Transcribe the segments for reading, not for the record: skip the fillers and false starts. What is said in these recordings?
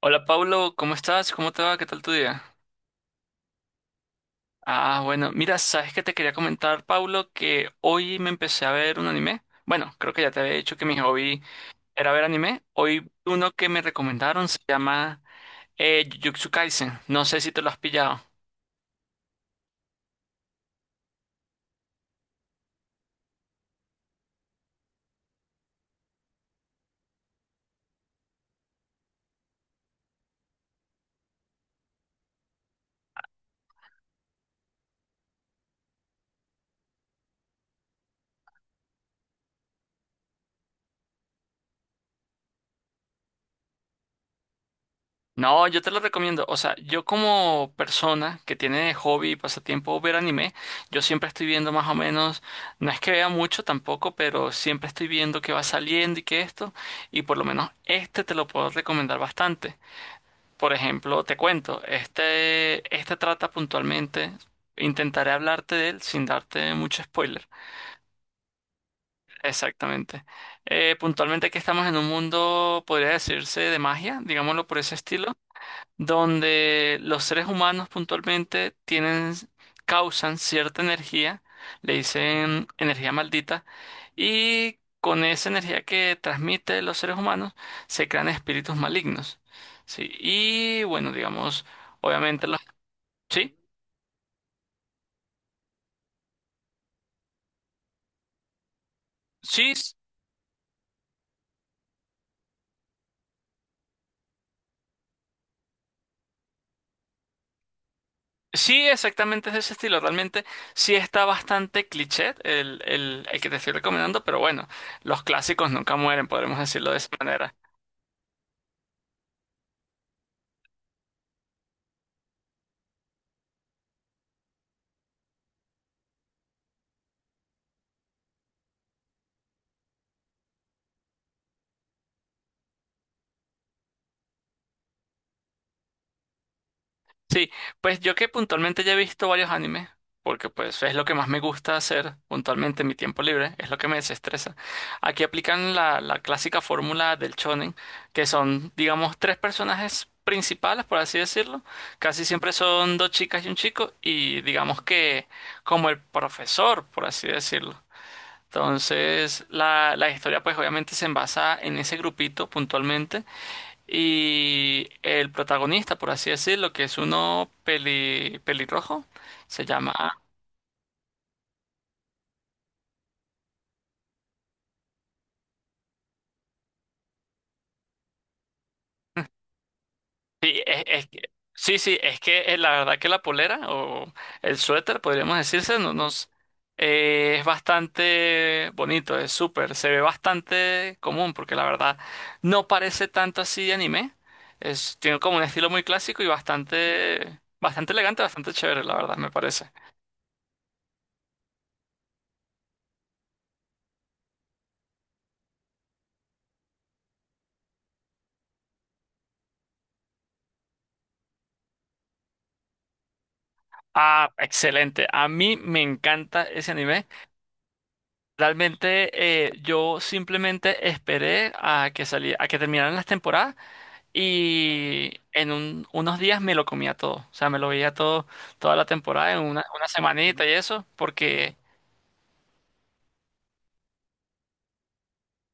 Hola Paulo, ¿cómo estás? ¿Cómo te va? ¿Qué tal tu día? Ah, bueno, mira, sabes que te quería comentar, Paulo, que hoy me empecé a ver un anime. Bueno, creo que ya te había dicho que mi hobby era ver anime. Hoy uno que me recomendaron se llama Jujutsu Kaisen. No sé si te lo has pillado. No, yo te lo recomiendo. O sea, yo como persona que tiene de hobby y pasatiempo ver anime, yo siempre estoy viendo más o menos, no es que vea mucho tampoco, pero siempre estoy viendo qué va saliendo y qué esto, y por lo menos este te lo puedo recomendar bastante. Por ejemplo, te cuento, este trata puntualmente, intentaré hablarte de él sin darte mucho spoiler. Exactamente. Puntualmente que estamos en un mundo, podría decirse, de magia, digámoslo por ese estilo, donde los seres humanos puntualmente tienen, causan cierta energía, le dicen energía maldita, y con esa energía que transmite los seres humanos se crean espíritus malignos. Sí, y bueno, digamos, obviamente los... Sí, sí, sí, exactamente es de ese estilo. Realmente sí está bastante cliché el que te estoy recomendando, pero bueno, los clásicos nunca mueren, podremos decirlo de esa manera. Sí, pues yo que puntualmente ya he visto varios animes, porque pues es lo que más me gusta hacer puntualmente en mi tiempo libre, es lo que me desestresa. Aquí aplican la clásica fórmula del shonen, que son, digamos, tres personajes principales, por así decirlo. Casi siempre son dos chicas y un chico, y digamos que como el profesor, por así decirlo. Entonces, la historia pues obviamente se envasa en ese grupito puntualmente y el protagonista, por así decirlo, que es uno pelirrojo, se llama... Sí, es, sí, sí, es que la verdad que la polera o el suéter, podríamos decirse, no, nos, es bastante bonito, es súper, se ve bastante común porque la verdad no parece tanto así de anime, es, tiene como un estilo muy clásico y bastante, bastante elegante, bastante chévere, la verdad, me parece. Ah, excelente, a mí me encanta ese anime. Realmente yo simplemente esperé a a que terminaran las temporadas y en unos días me lo comía todo. O sea, me lo veía todo, toda la temporada en una semanita y eso, porque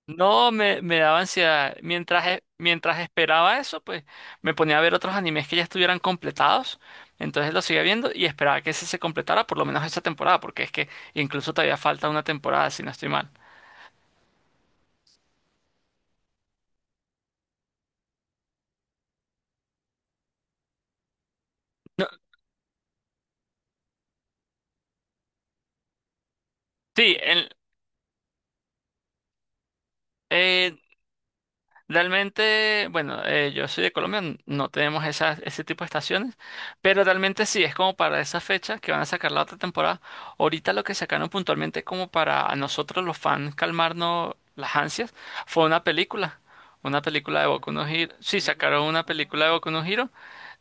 no me, me daba ansiedad. Mientras, mientras esperaba eso, pues me ponía a ver otros animes que ya estuvieran completados. Entonces lo seguía viendo y esperaba que ese se completara por lo menos esa temporada, porque es que incluso todavía falta una temporada, si no estoy mal. No, sí, eh, bueno, yo soy de Colombia, no tenemos esas, ese tipo de estaciones, pero realmente sí, es como para esa fecha que van a sacar la otra temporada. Ahorita lo que sacaron puntualmente como para a nosotros los fans calmarnos las ansias fue una película de Boku no Hero. Sí, sacaron una película de Boku no Hero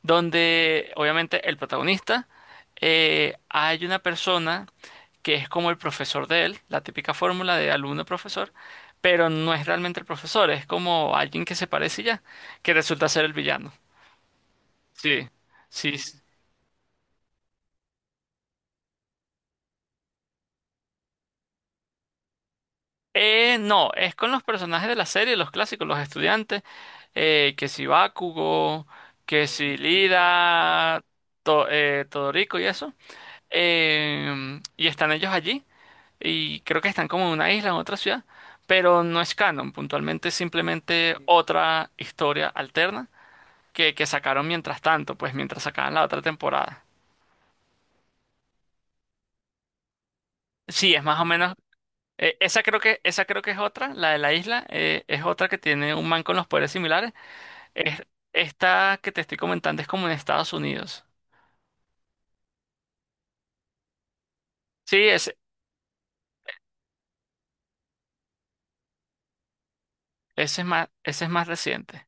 donde obviamente el protagonista, hay una persona que es como el profesor de él, la típica fórmula de alumno-profesor, pero no es realmente el profesor, es como alguien que se parece y ya, que resulta ser el villano. Sí, sí, sí. No, es con los personajes de la serie, los clásicos, los estudiantes, que si Bakugo, que si Lida, Todoroki y eso. Y están ellos allí, y creo que están como en una isla, en otra ciudad, pero no es canon, puntualmente es simplemente otra historia alterna que sacaron mientras tanto, pues mientras sacaban la otra temporada. Sí, es más o menos, esa creo que es otra, la de la isla, es otra que tiene un man con los poderes similares. Es- Esta que te estoy comentando es como en Estados Unidos. Sí, ese es más reciente.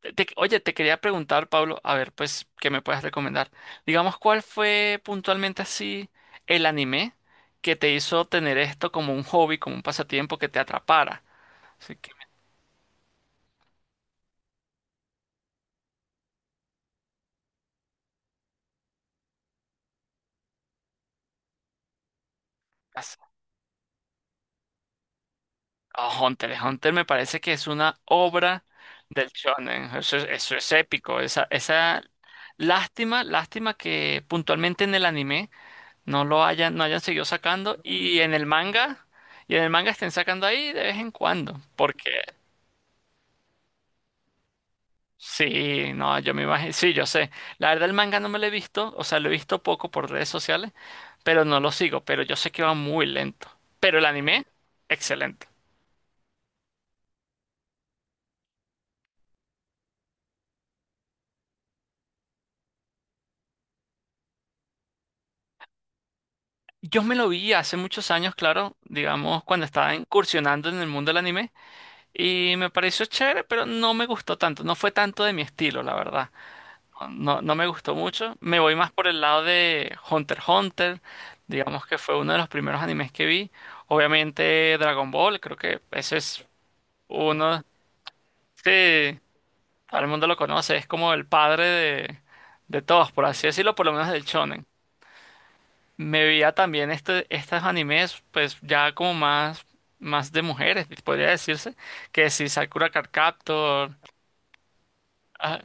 Oye, te quería preguntar, Pablo, a ver, pues, ¿qué me puedes recomendar? Digamos, ¿cuál fue puntualmente así el anime que te hizo tener esto como un hobby, como un pasatiempo que te atrapara? Así que me digas, "Oh, Hunter x Hunter me parece que es una obra del shonen". Eso, es, eso es épico. Esa Lástima, lástima que puntualmente en el anime no hayan seguido sacando, y en el manga, y en el manga estén sacando ahí de vez en cuando, porque sí, no, yo me imagino, sí, yo sé. La verdad, el manga no me lo he visto, o sea, lo he visto poco por redes sociales, pero no lo sigo, pero yo sé que va muy lento. Pero el anime, excelente. Yo me lo vi hace muchos años, claro, digamos, cuando estaba incursionando en el mundo del anime, y me pareció chévere, pero no me gustó tanto, no fue tanto de mi estilo, la verdad. No, no me gustó mucho. Me voy más por el lado de Hunter x Hunter, digamos que fue uno de los primeros animes que vi. Obviamente Dragon Ball, creo que ese es uno, sí, todo el mundo lo conoce, es como el padre de todos, por así decirlo, por lo menos del shonen. Me veía también estos animes, pues ya como más, más de mujeres, podría decirse, que si Sakura Card Captor, ah,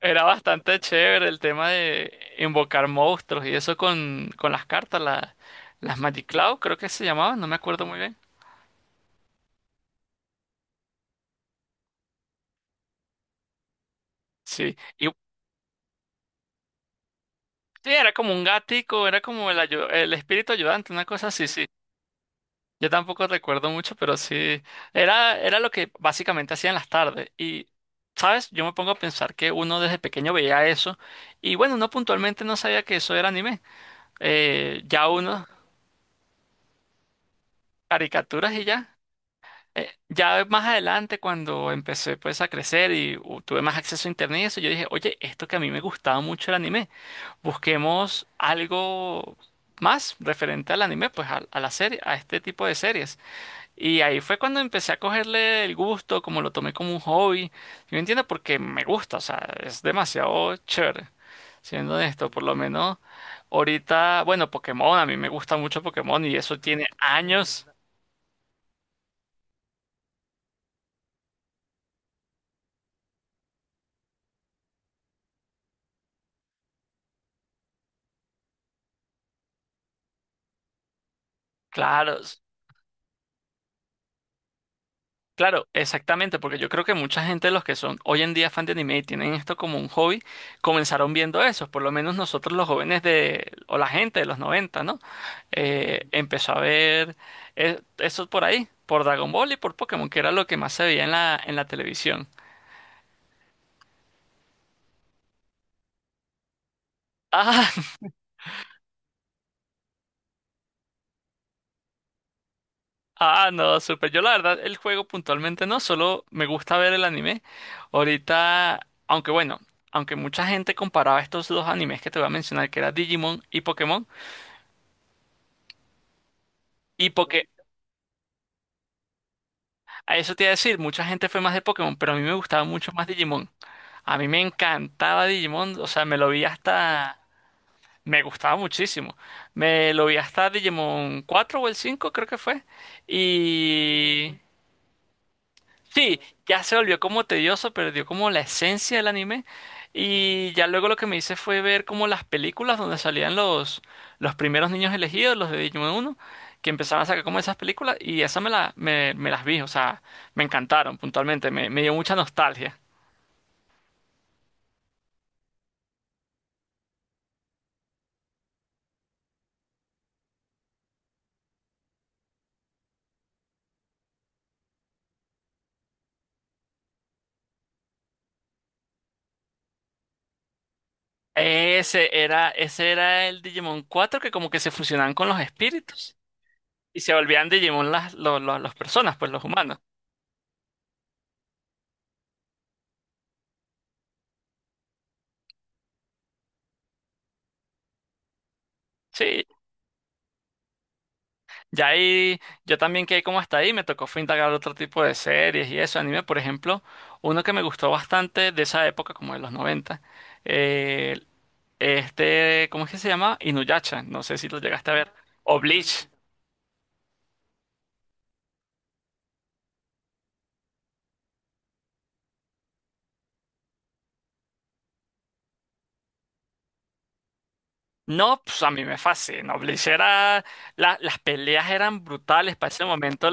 era bastante chévere el tema de invocar monstruos y eso con las cartas, las Magic Cloud, creo que se llamaban, no me acuerdo muy bien. Sí, y sí, era como un gatico, era como el, el espíritu ayudante, una cosa así, sí. Yo tampoco recuerdo mucho, pero sí, era, era lo que básicamente hacía en las tardes. Y, ¿sabes? Yo me pongo a pensar que uno desde pequeño veía eso y bueno, uno puntualmente no sabía que eso era anime. Eh, ya uno, caricaturas y ya. Ya más adelante, cuando empecé pues a crecer y tuve más acceso a internet y eso, yo dije, oye, esto que a mí me gustaba mucho el anime, busquemos algo más referente al anime, pues a la serie, a este tipo de series. Y ahí fue cuando empecé a cogerle el gusto, como lo tomé como un hobby. Yo entiendo porque me gusta, o sea, es demasiado chévere, siendo honesto, por lo menos. Ahorita, bueno, Pokémon, a mí me gusta mucho Pokémon y eso tiene años. Claro, s- claro, exactamente, porque yo creo que mucha gente de los que son hoy en día fan de anime y tienen esto como un hobby, comenzaron viendo eso, por lo menos nosotros los jóvenes de, o la gente de los noventa, ¿no? Empezó a ver eso por ahí, por Dragon Ball y por Pokémon, que era lo que más se veía en en la televisión. Ah, ah, no, súper. Yo la verdad, el juego puntualmente no, solo me gusta ver el anime. Ahorita, aunque bueno, aunque mucha gente comparaba estos dos animes que te voy a mencionar, que era Digimon y Pokémon, y porque a eso te iba a decir, mucha gente fue más de Pokémon, pero a mí me gustaba mucho más Digimon. A mí me encantaba Digimon, o sea, me lo vi hasta... Me gustaba muchísimo. Me lo vi hasta Digimon 4 o el cinco, creo que fue. Y sí, ya se volvió como tedioso, perdió como la esencia del anime. Y ya luego lo que me hice fue ver como las películas donde salían los primeros niños elegidos, los de Digimon 1, que empezaban a sacar como esas películas. Y esas me las vi, o sea, me encantaron puntualmente, me dio mucha nostalgia. Ese era el Digimon 4, que como que se fusionaban con los espíritus. Y se volvían Digimon las, las personas, pues los humanos. Sí, ya ahí yo también quedé como hasta ahí, me tocó fue indagar otro tipo de series y eso, anime, por ejemplo, uno que me gustó bastante de esa época, como de los noventa, eh, ¿cómo es que se llama? Inuyasha, no sé si lo llegaste a ver, o Bleach. No, pues a mí me fascina, Bleach era, las peleas eran brutales para ese momento,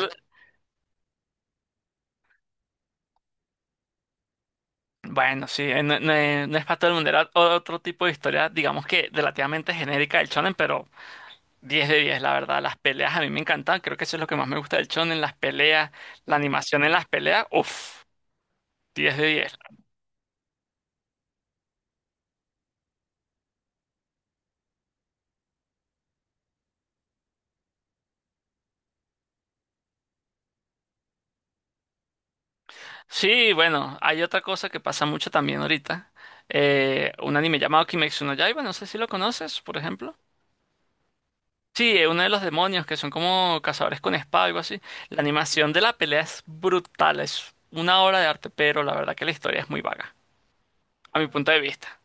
bueno, sí, no, no es para todo el mundo, era otro tipo de historia, digamos que relativamente genérica del shonen, pero 10 de 10 la verdad, las peleas a mí me encantan, creo que eso es lo que más me gusta del en las peleas, la animación en las peleas, uff, 10 de 10. Sí, bueno, hay otra cosa que pasa mucho también ahorita, un anime llamado Kimetsu no Yaiba, no sé si lo conoces, por ejemplo. Sí, uno de los demonios que son como cazadores con espada, algo así. La animación de la pelea es brutal, es una obra de arte, pero la verdad que la historia es muy vaga, a mi punto de vista.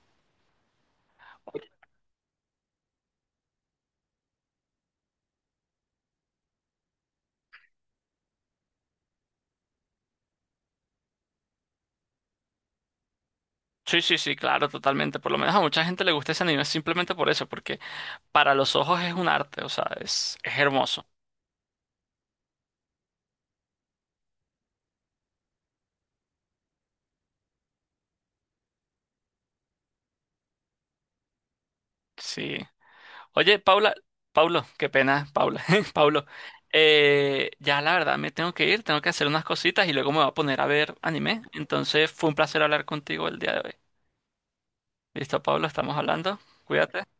Sí, sí, sí, claro, totalmente. Por lo menos a mucha gente le gusta ese anime simplemente por eso, porque para los ojos es un arte, o sea, es hermoso. Sí. Oye, Paula, Paulo, qué pena, Paula, Paulo. Ya la verdad me tengo que ir, tengo que hacer unas cositas y luego me voy a poner a ver anime. Entonces fue un placer hablar contigo el día de hoy. Listo, Paulo, estamos hablando. Cuídate.